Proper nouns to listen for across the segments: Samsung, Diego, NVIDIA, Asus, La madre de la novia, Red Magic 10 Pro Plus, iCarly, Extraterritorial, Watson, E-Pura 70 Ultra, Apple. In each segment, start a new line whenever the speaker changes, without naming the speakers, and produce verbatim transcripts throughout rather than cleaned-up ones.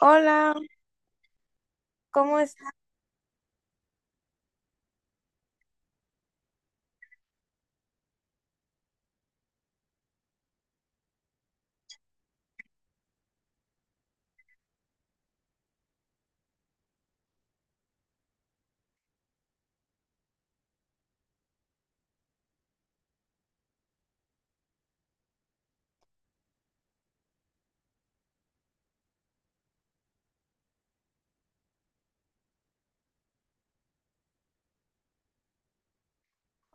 Hola, ¿cómo estás?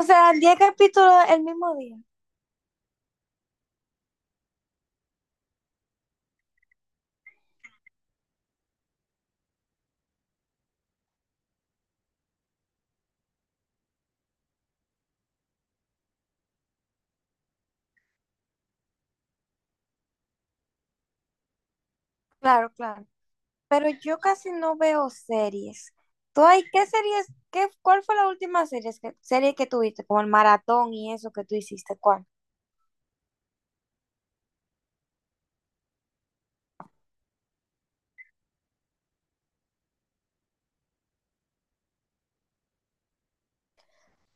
O sea, diez capítulos el mismo día. Claro, claro. Pero yo casi no veo series. ¿Tú hay qué series? Qué, ¿cuál fue la última serie que, serie que tuviste? Como el maratón y eso que tú hiciste, ¿cuál?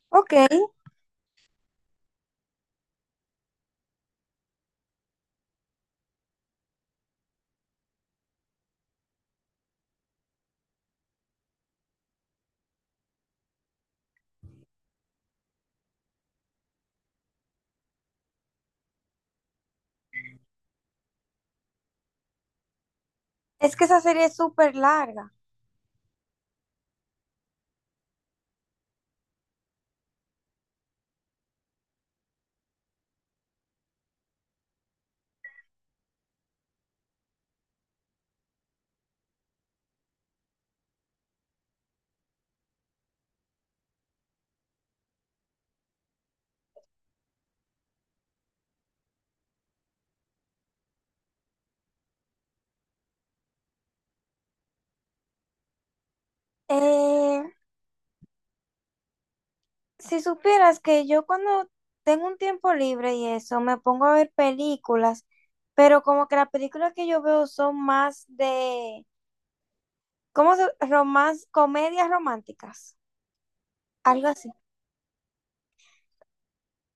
Ok, es que esa serie es súper larga. Eh, si supieras que yo cuando tengo un tiempo libre y eso, me pongo a ver películas, pero como que las películas que yo veo son más de, ¿cómo se? Romance, comedias románticas. Algo así.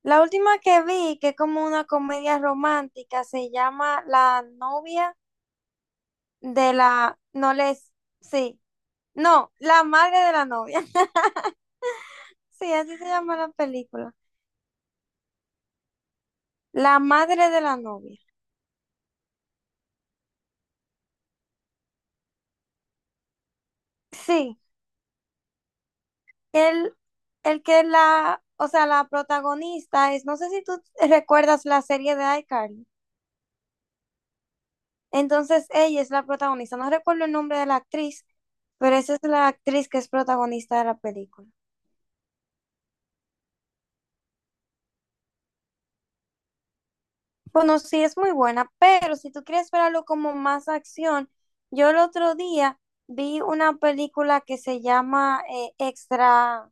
La última que vi, que es como una comedia romántica, se llama La novia de la... No les... Sí. No, La madre de la novia. Sí, así se llama la película. La madre de la novia. Sí, el, el que la... O sea, la protagonista es... No sé si tú recuerdas la serie de iCarly. Entonces ella es la protagonista. No recuerdo el nombre de la actriz, pero esa es la actriz que es protagonista de la película. Bueno, sí es muy buena, pero si tú quieres ver algo como más acción, yo el otro día vi una película que se llama eh, Extraterritorial.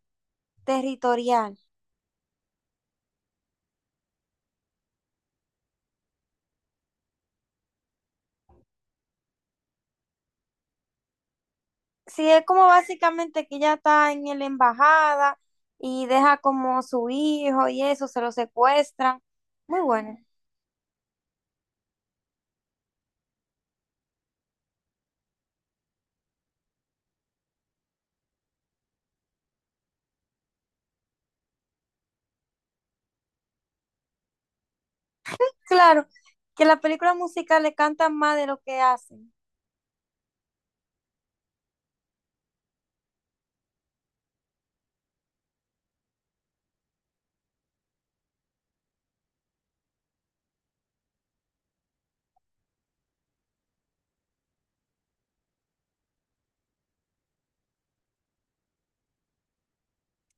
Sí, es como básicamente que ella está en la embajada y deja como su hijo y eso, se lo secuestran. Muy buena. Claro, que la película musical le cantan más de lo que hacen.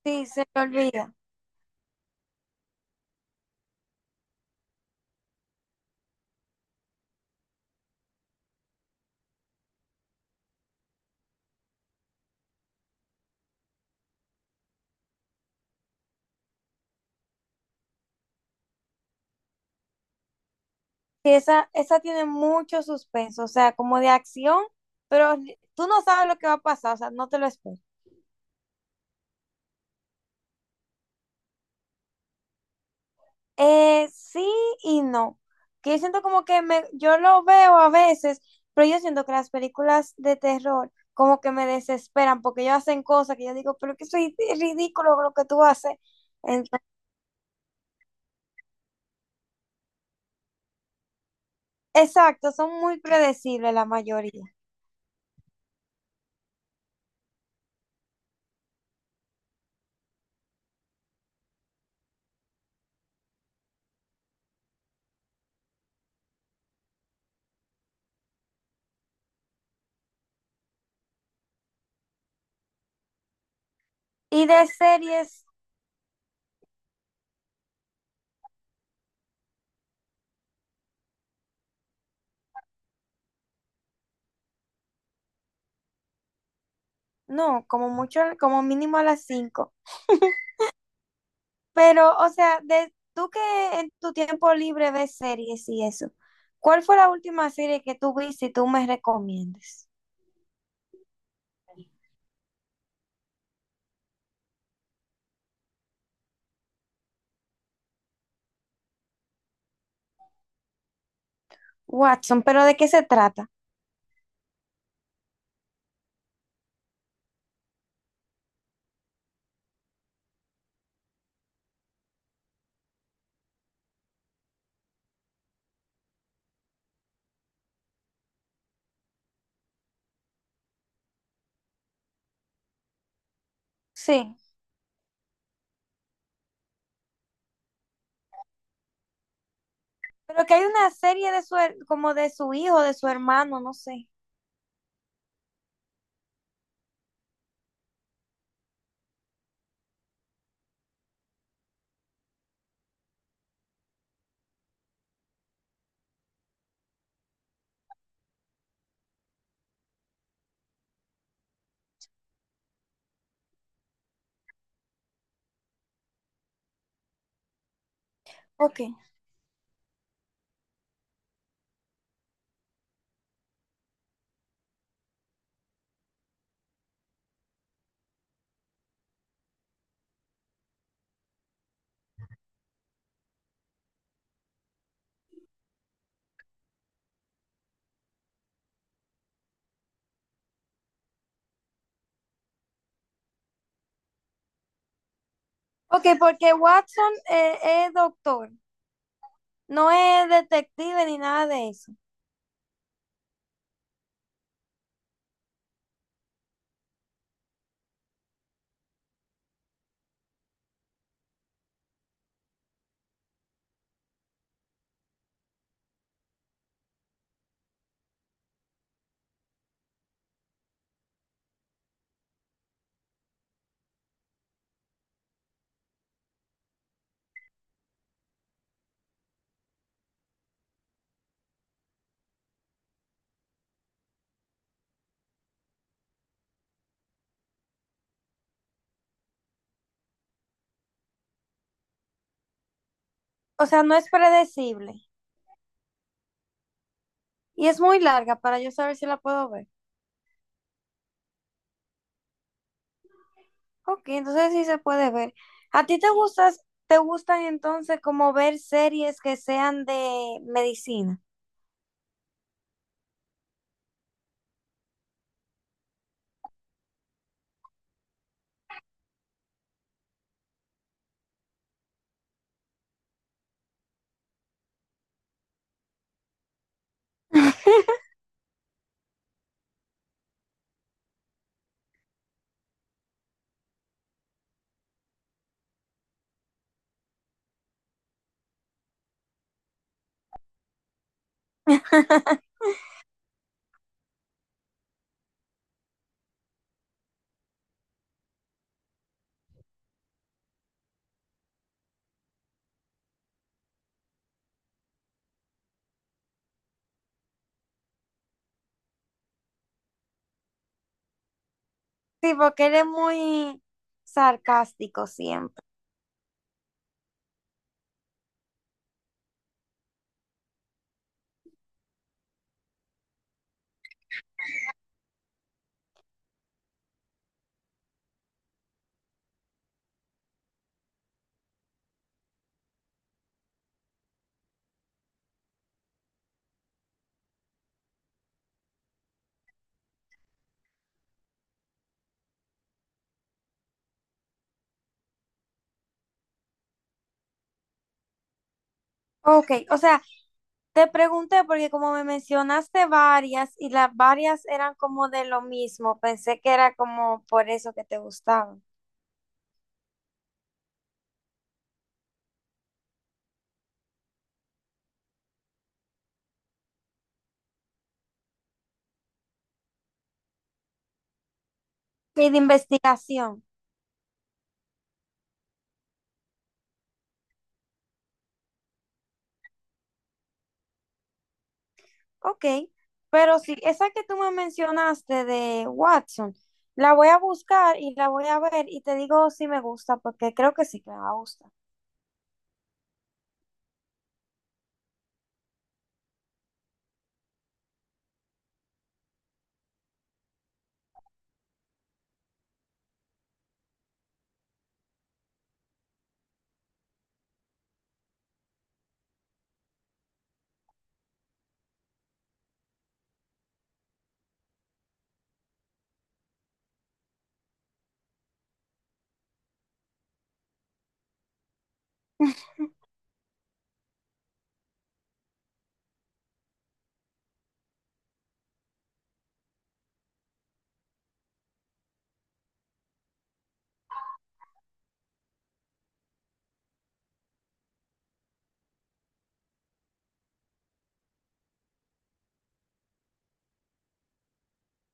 Sí, se le olvida. Sí, esa, esa tiene mucho suspenso, o sea, como de acción, pero ni- tú no sabes lo que va a pasar, o sea, no te lo espero. Eh, sí y no. Que yo siento como que me, yo lo veo a veces, pero yo siento que las películas de terror como que me desesperan porque ellos hacen cosas que yo digo, pero que soy ridículo lo que tú haces. Ent- exacto, son muy predecibles la mayoría. Y de series, no, como mucho, como mínimo a las cinco. Pero, o sea, de tú que en tu tiempo libre ves series y eso, ¿cuál fue la última serie que tú viste y tú me recomiendes? Watson, ¿pero de qué se trata? Sí. Pero que hay una serie de su, her- como de su hijo, de su hermano, no sé. Ok. Ok, porque Watson eh, es doctor, no es detective ni nada de eso. O sea, no es predecible. Y es muy larga para yo saber si la puedo ver. Ok, entonces sí se puede ver. ¿A ti te gustas, te gustan entonces como ver series que sean de medicina? Sí, porque eres muy sarcástico siempre. Ok, o sea, te pregunté porque como me mencionaste varias y las varias eran como de lo mismo, pensé que era como por eso que te gustaban. Y de investigación, ok. Pero sí, esa que tú me mencionaste de Watson, la voy a buscar y la voy a ver y te digo si me gusta porque creo que sí que me va a gustar.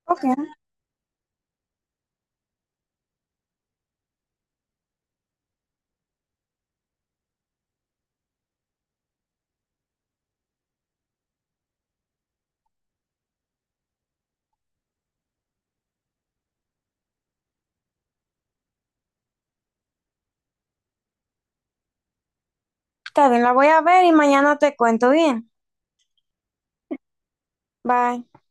Ok, está bien, la voy a ver y mañana te cuento bien. Bye.